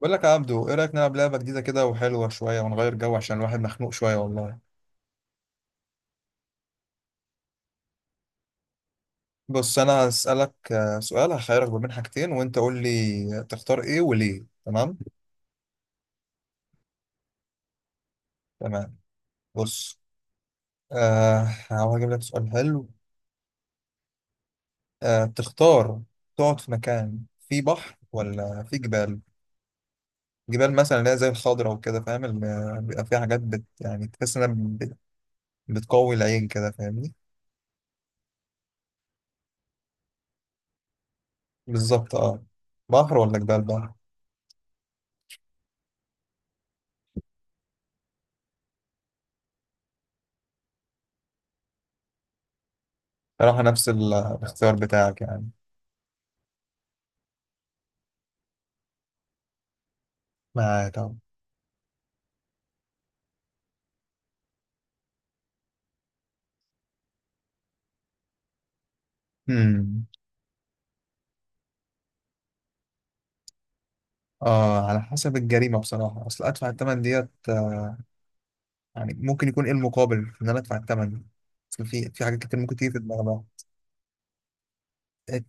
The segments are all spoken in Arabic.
بقول لك يا عبدو، ايه رايك نلعب لعبه جديده كده وحلوه شويه ونغير جو عشان الواحد مخنوق شويه والله. بص انا هسالك سؤال، هخيرك ما بين حاجتين وانت قول لي تختار ايه وليه. تمام تمام. بص، هحاول اجيب لك سؤال حلو. آه، تختار تقعد في مكان فيه بحر ولا فيه جبال. جبال مثلا اللي هي زي الخضره وكده، فاهم؟ اللي بيبقى فيها حاجات بت تحس انها بتقوي العين، كده فاهمني؟ بالظبط اه. بحر ولا جبال؟ بحر. صراحه نفس الاختيار بتاعك يعني. ما طب. امم، اه على حسب الجريمه بصراحه، اصل ادفع الثمن ديت يعني ممكن يكون ايه المقابل في ان انا ادفع الثمن. اصل في حاجات كتير ممكن تيجي في دماغنا. إيه،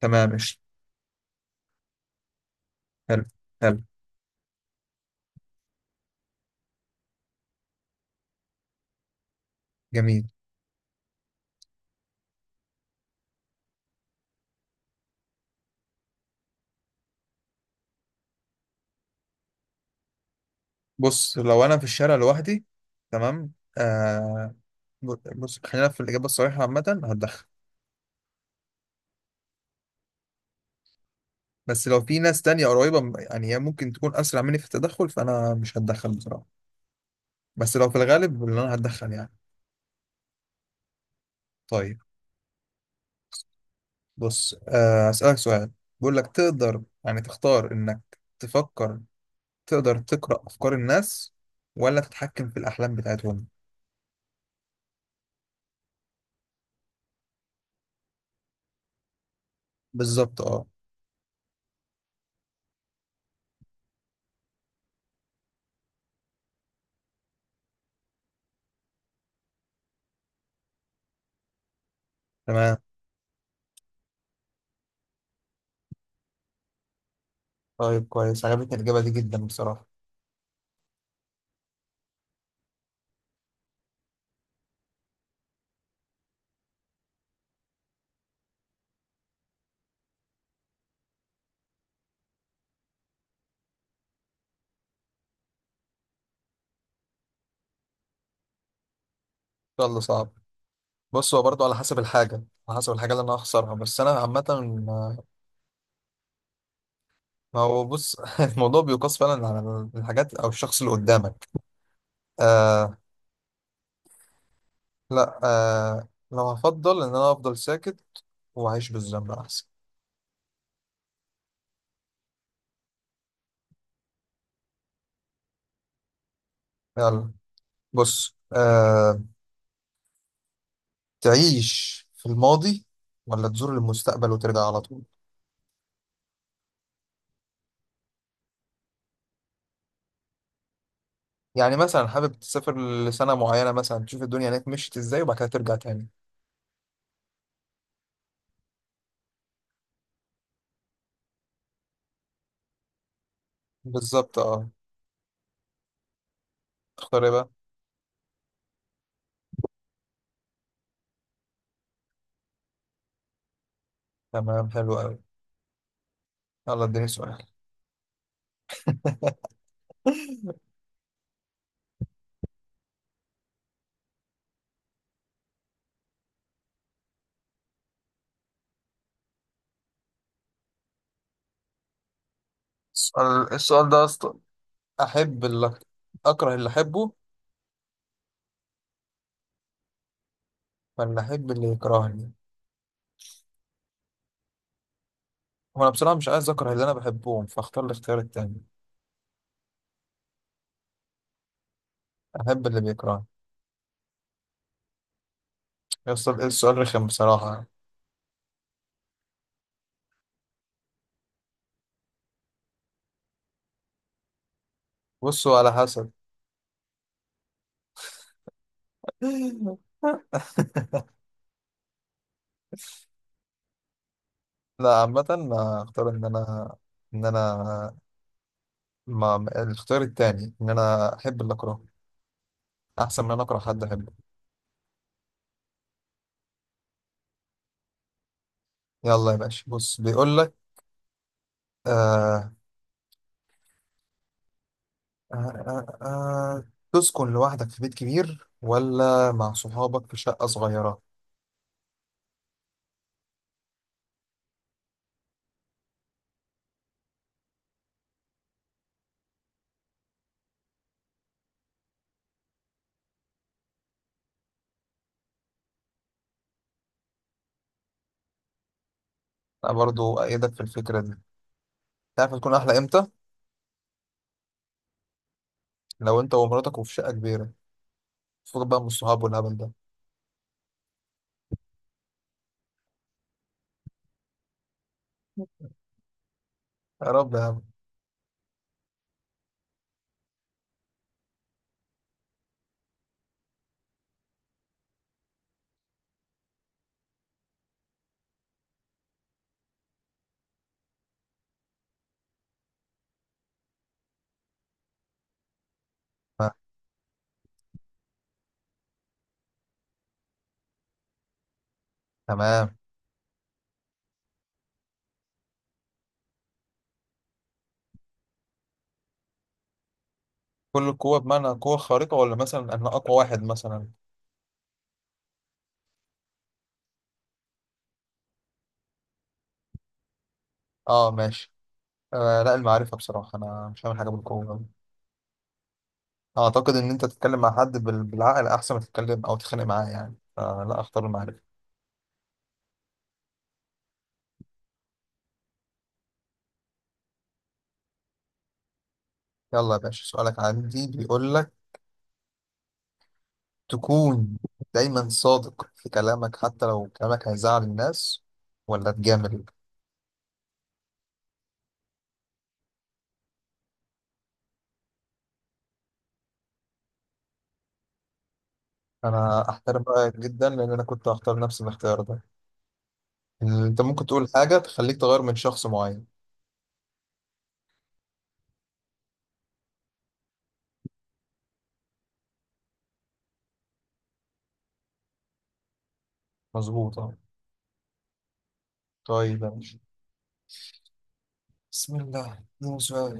تمام، مش حلو. حلو. جميل. بص لو انا في الشارع لوحدي، تمام، آه، بص خلينا في الاجابه الصريحه، عامه هتدخل. بس لو في ناس تانية قريبة يعني هي ممكن تكون أسرع مني في التدخل، فأنا مش هتدخل بصراحة. بس لو في الغالب اللي أنا هتدخل يعني. طيب. بص، هسألك سؤال. بقول لك تقدر يعني تختار إنك تفكر، تقدر تقرأ أفكار الناس ولا تتحكم في الأحلام بتاعتهم؟ بالظبط اه. تمام. طيب كويس، عجبتني الإجابة دي جدا بصراحة. يلا صعب. بص هو برضه على حسب الحاجة، على حسب الحاجة اللي أنا هخسرها، بس أنا عامة ما هو بص الموضوع بيقاس فعلا على الحاجات أو الشخص اللي قدامك. آه. لا آه، لو هفضل إن أنا أفضل ساكت وأعيش بالذنب أحسن. يلا. بص آه، تعيش في الماضي ولا تزور المستقبل وترجع على طول؟ يعني مثلا حابب تسافر لسنة معينة مثلا، تشوف الدنيا هناك مشيت ازاي، وبعد كده ترجع تاني. بالظبط اه. تختار ايه بقى؟ تمام حلو قوي. يلا اديني سؤال. السؤال، السؤال ده اصلا، احب اللي، اكره اللي احبه ولا احب اللي يكرهني؟ وانا بصراحة مش عايز اكره اللي انا بحبهم، فاختار الاختيار التاني. احب اللي بيكرهني. يوصل السؤال رخم بصراحة. بصوا على حسب. لا عامة، ما اختار ان انا، ان انا، الاختيار التاني، ان انا احب اللي اكرهه احسن من ان انا اكره حد احبه. يلا يا باشا، بص بيقول لك، آه آه آه آه، تسكن لوحدك في بيت كبير ولا مع صحابك في شقة صغيرة؟ انا برضو ايدك في الفكرة دي. تعرف تكون احلى امتى؟ لو انت ومراتك وفي شقة كبيرة، فوق بقى من الصحاب والهبل ده. يا رب يا عم. آه، تمام. كل القوة بمعنى قوة خارقة، ولا مثلا انا اقوى واحد مثلا؟ اه ماشي. آه لا، المعرفة بصراحة. أنا مش هعمل حاجة بالقوة، أعتقد إن أنت تتكلم مع حد بالعقل أحسن ما تتكلم أو تتخانق معاه يعني، فلا أختار المعرفة. يلا يا باشا، سؤالك عندي بيقول لك، تكون دايما صادق في كلامك حتى لو كلامك هيزعل الناس، ولا تجامل؟ أنا أحترم رأيك جدا، لأن أنا كنت هختار نفس الاختيار ده. إن أنت ممكن تقول حاجة تخليك تغير من شخص معين. مظبوط أه. طيب يا باشا. بسم الله ده سؤال.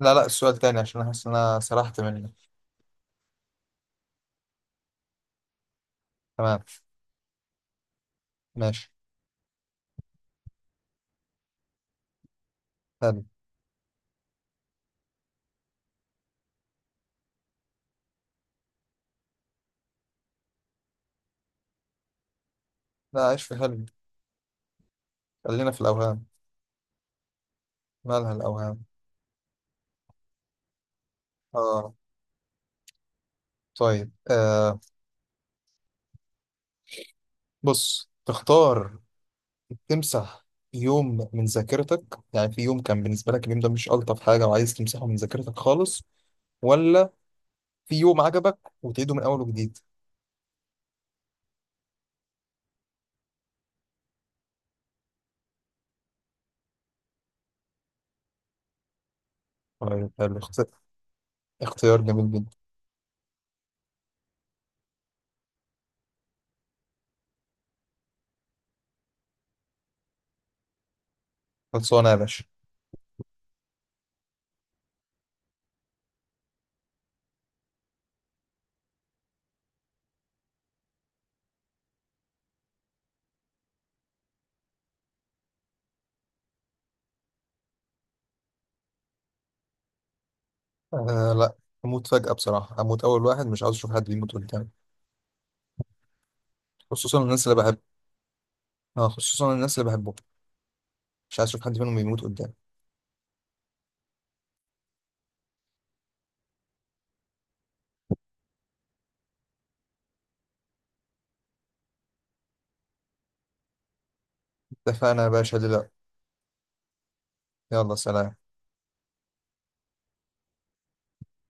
لا لا السؤال تاني، عشان أحس إن أنا سرحت منك. تمام. ماشي. حلو. لا عيش في حلو، خلينا في الأوهام، مالها الأوهام. آه. طيب آه، بص تختار تمسح يوم من ذاكرتك، يعني في يوم كان بالنسبة لك اليوم ده مش ألطف حاجة وعايز تمسحه من ذاكرتك خالص، ولا في يوم عجبك وتعيده من أول وجديد؟ طيب حلو، اختيار جميل جدا. خلصانة يا باشا. آه لا، أموت فجأة بصراحة، أموت أول واحد، مش عاوز أشوف حد بيموت قدامي. خصوصا الناس اللي بحب. آه خصوصا الناس اللي بحبهم، مش عايز أشوف حد منهم بيموت قدامي. اتفقنا يا باشا دلوقتي. يلا سلام.